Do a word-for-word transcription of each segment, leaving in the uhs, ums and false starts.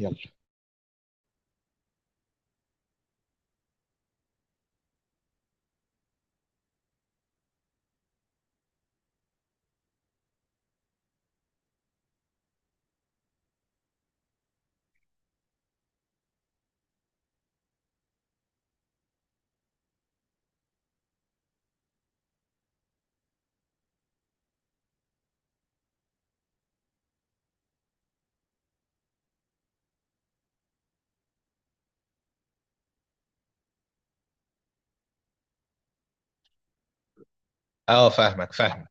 يلا. اه فاهمك فاهمك.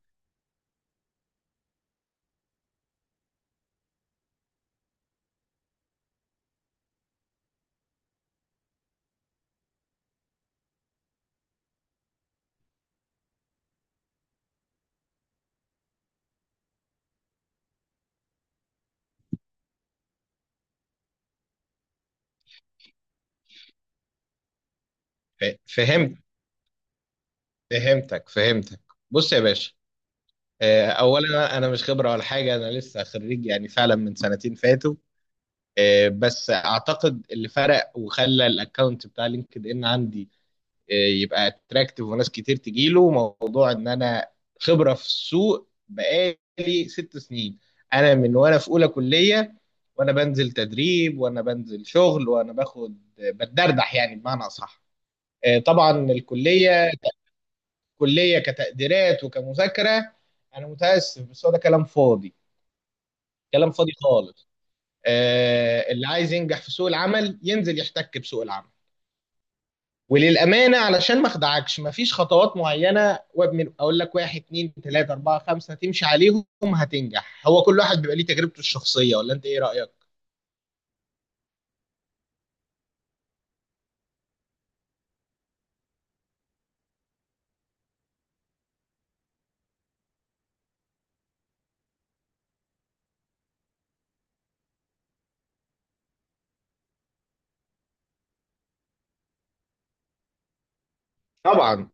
ف- فهمت. فهمتك فهمتك. بص يا باشا. آه، اولا انا مش خبره ولا حاجه، انا لسه خريج يعني فعلا من سنتين فاتوا. آه، بس اعتقد اللي فرق وخلى الاكونت بتاع لينكد ان عندي آه، يبقى اتراكتيف وناس كتير تجيله، موضوع ان انا خبره في السوق بقالي ست سنين. انا من وانا في اولى كليه وانا بنزل تدريب وانا بنزل شغل وانا باخد بتدردح، يعني بمعنى اصح. آه، طبعا الكليه، الكليه كتقديرات وكمذاكره، انا متاسف بس هو ده كلام فاضي. كلام فاضي خالص. آه، اللي عايز ينجح في سوق العمل ينزل يحتك بسوق العمل. وللامانه علشان ما اخدعكش، مفيش خطوات معينه وابن اقول لك واحد اتنين تلاته اربعه خمسه تمشي عليهم هتنجح، هو كل واحد بيبقى ليه تجربته الشخصيه، ولا انت ايه رايك؟ طبعا.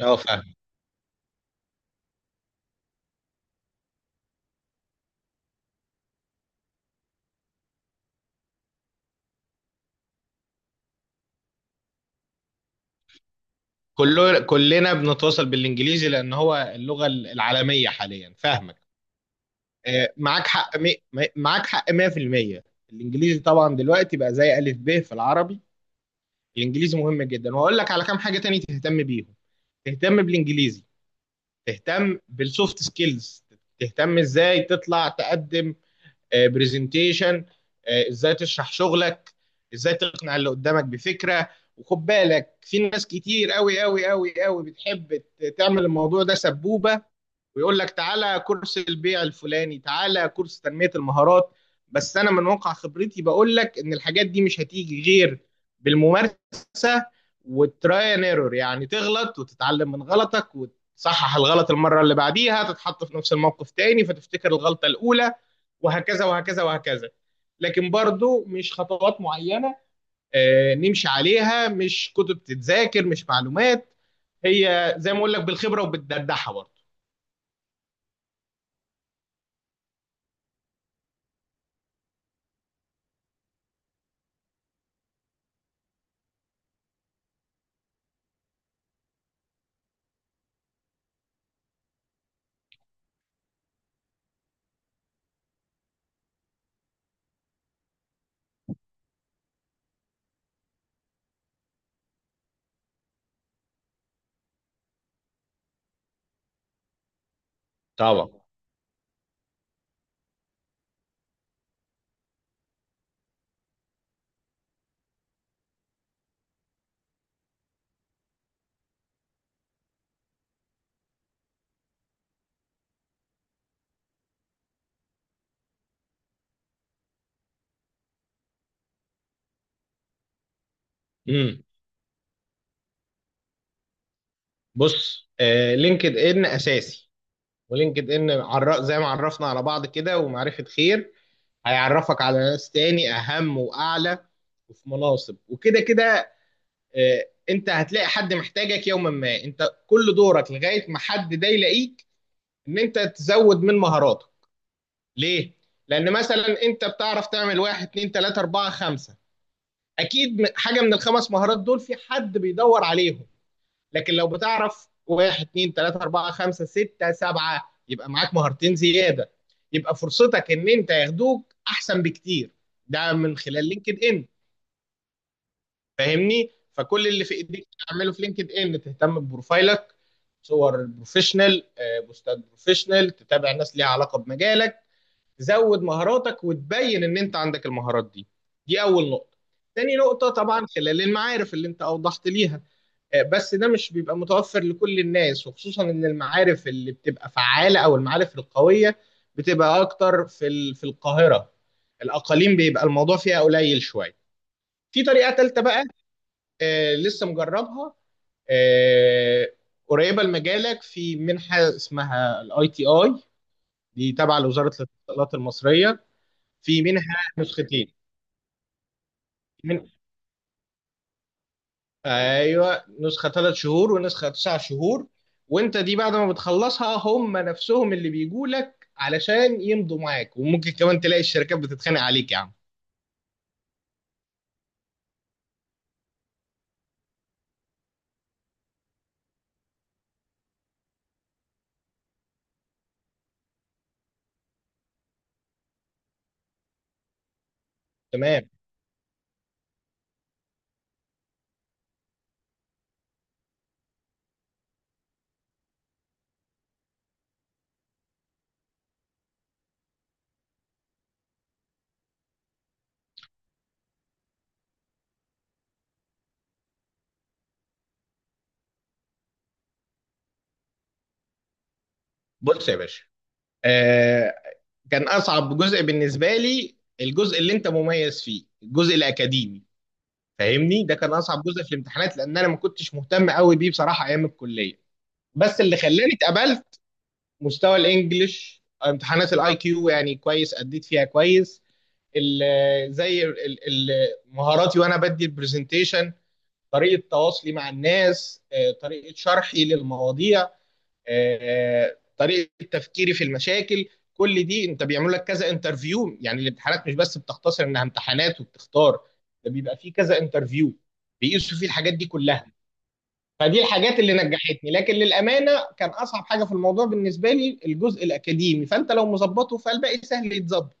اه فاهم. كله كلنا بنتواصل بالانجليزي لان هو اللغه العالميه حاليا، فاهمك. آه، معاك حق مي... مي- معاك حق مية بالمية. الانجليزي طبعا دلوقتي بقى زي الف ب في العربي. الانجليزي مهم جدا، وهقول لك على كام حاجه تاني تهتم بيهم. تهتم بالانجليزي. تهتم بالسوفت سكيلز. تهتم ازاي تطلع تقدم برزنتيشن. ازاي تشرح شغلك. ازاي تقنع اللي قدامك بفكره. وخد بالك، في ناس كتير قوي قوي قوي قوي بتحب ت- تعمل الموضوع ده سبوبه. ويقول لك تعالى كورس البيع الفلاني، تعالى كورس تنمية المهارات. بس انا من واقع خبرتي بقول لك ان الحاجات دي مش هتيجي غير بالممارسة والتراي اند ايرور، يعني تغلط وتتعلم من غلطك وتصحح الغلط المرة اللي بعديها، تتحط في نفس الموقف تاني فتفتكر الغلطة الأولى، وهكذا وهكذا وهكذا. لكن برضو مش خطوات معينة آه، نمشي عليها، مش كتب تتذاكر، مش معلومات. هي زي ما اقول لك بالخبرة وبالدردحة برضو. طبعا. امم بص آه لينكد ان اساسي. ولينكد ان عر... زي ما عرفنا على بعض كده، ومعرفه خير، هيعرفك على ناس تاني اهم واعلى، وفي مناصب وكده كده. آه انت هتلاقي حد محتاجك يوما ما، انت كل دورك لغايه ما حد ده يلاقيك، ان انت تزود من مهاراته. ليه؟ لان مثلا انت بتعرف تعمل واحد اتنين تلاته اربعه خمسه، اكيد م- حاجه من الخمس مهارات دول في حد بيدور عليهم. لكن لو بتعرف واحد اتنين تلاته اربعه خمسه سته سبعه، يبقى معاك مهارتين زياده، يبقى فرصتك ان انت ياخدوك احسن بكتير. ده من خلال لينكد ان، فاهمني. فكل اللي في ايديك تعمله في لينكد ان، تهتم ببروفايلك، صور البروفيشنال آه، بوستات بروفيشنال، تتابع ناس ليها علاقه بمجالك، تزود مهاراتك وتبين ان انت عندك المهارات دي. دي اول نقطه. تاني نقطه طبعا خلال المعارف اللي انت اوضحت ليها آه، بس ده مش بيبقى متوفر لكل الناس، وخصوصا ان المعارف اللي بتبقى فعالة او المعارف القوية بتبقى اكتر في ال- في القاهرة. الاقاليم بيبقى الموضوع فيها قليل شوية. في طريقة تالتة بقى آه، لسه مجربها. آه، قريبة لمجالك، في منحة اسمها الاي تي اي، دي تابعة لوزارة الاتصالات المصرية. في منها نسختين. ايوه، نسخه ثلاث شهور ونسخه تسع شهور. وانت دي بعد ما بتخلصها، هم نفسهم اللي بيجوا لك علشان يمضوا معاك، وممكن كمان تلاقي الشركات بتتخانق عليك يا عم. تمام. بص يا باشا. آه كان اصعب جزء بالنسبه لي الجزء اللي انت مميز فيه، الجزء الاكاديمي، فاهمني. ده كان اصعب جزء في الامتحانات، لان انا ما كنتش مهتم قوي بيه بصراحه ايام الكليه. بس اللي خلاني اتقبلت مستوى الانجليش، امتحانات الاي كيو يعني كويس، اديت فيها كويس. ال- زي ال- ال- مهاراتي وانا بدي البرزنتيشن، طريقه تواصلي مع الناس آه، طريقه شرحي للمواضيع آه، آه، طريقه تفكيري في المشاكل. كل دي انت بيعمل لك كذا انترفيو، يعني الامتحانات مش بس بتختصر انها امتحانات وبتختار، ده بيبقى فيه كذا انترفيو بيقيسوا فيه الحاجات دي كلها. فدي الحاجات اللي نجحتني، لكن للامانه كان اصعب حاجه في الموضوع بالنسبه لي الجزء الاكاديمي، فانت لو مظبطه فالباقي سهل يتظبط.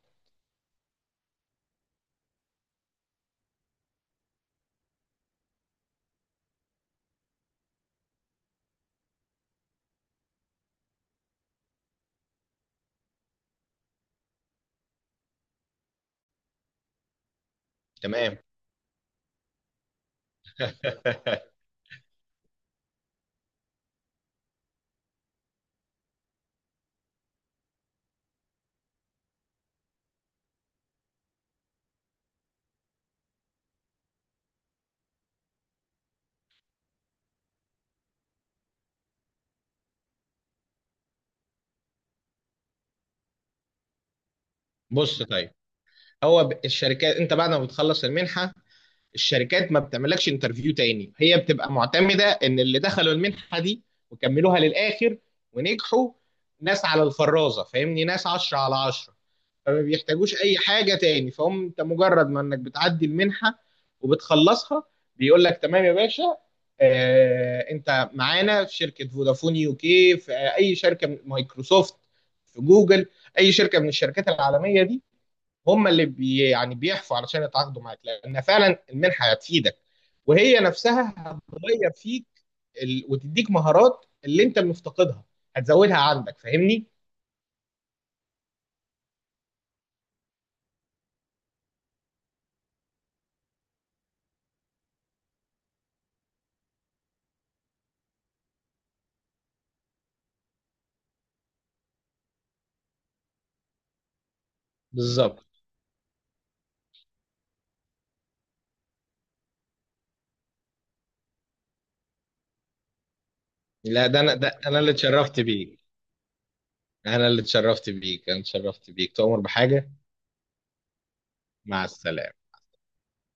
تمام. بص طيب، هو ب- الشركات انت بعد ما بتخلص المنحه، الشركات ما بتعملكش انترفيو تاني، هي بتبقى معتمده ان اللي دخلوا المنحه دي وكملوها للاخر ونجحوا، ناس على الفرازه، فاهمني، ناس عشرة على عشرة. فما بيحتاجوش اي حاجه تاني، فهم انت مجرد ما انك بتعدي المنحه وبتخلصها، بيقول لك تمام يا باشا. آه انت معانا في شركه فودافون يو كي، في اي شركه من مايكروسوفت، في جوجل، اي شركه من الشركات العالميه دي. هم اللي بي يعني بيحفوا علشان يتعاقدوا معاك، لان فعلا المنحه هتفيدك، وهي نفسها هتغير فيك ال... وتديك مهارات اللي انت مفتقدها، هتزودها عندك، فاهمني. بالظبط. لا، ده انا، ده انا اللي اتشرفت بيك، انا اللي اتشرفت بيك، انا اتشرفت بيك، تؤمر بحاجة. مع السلامة.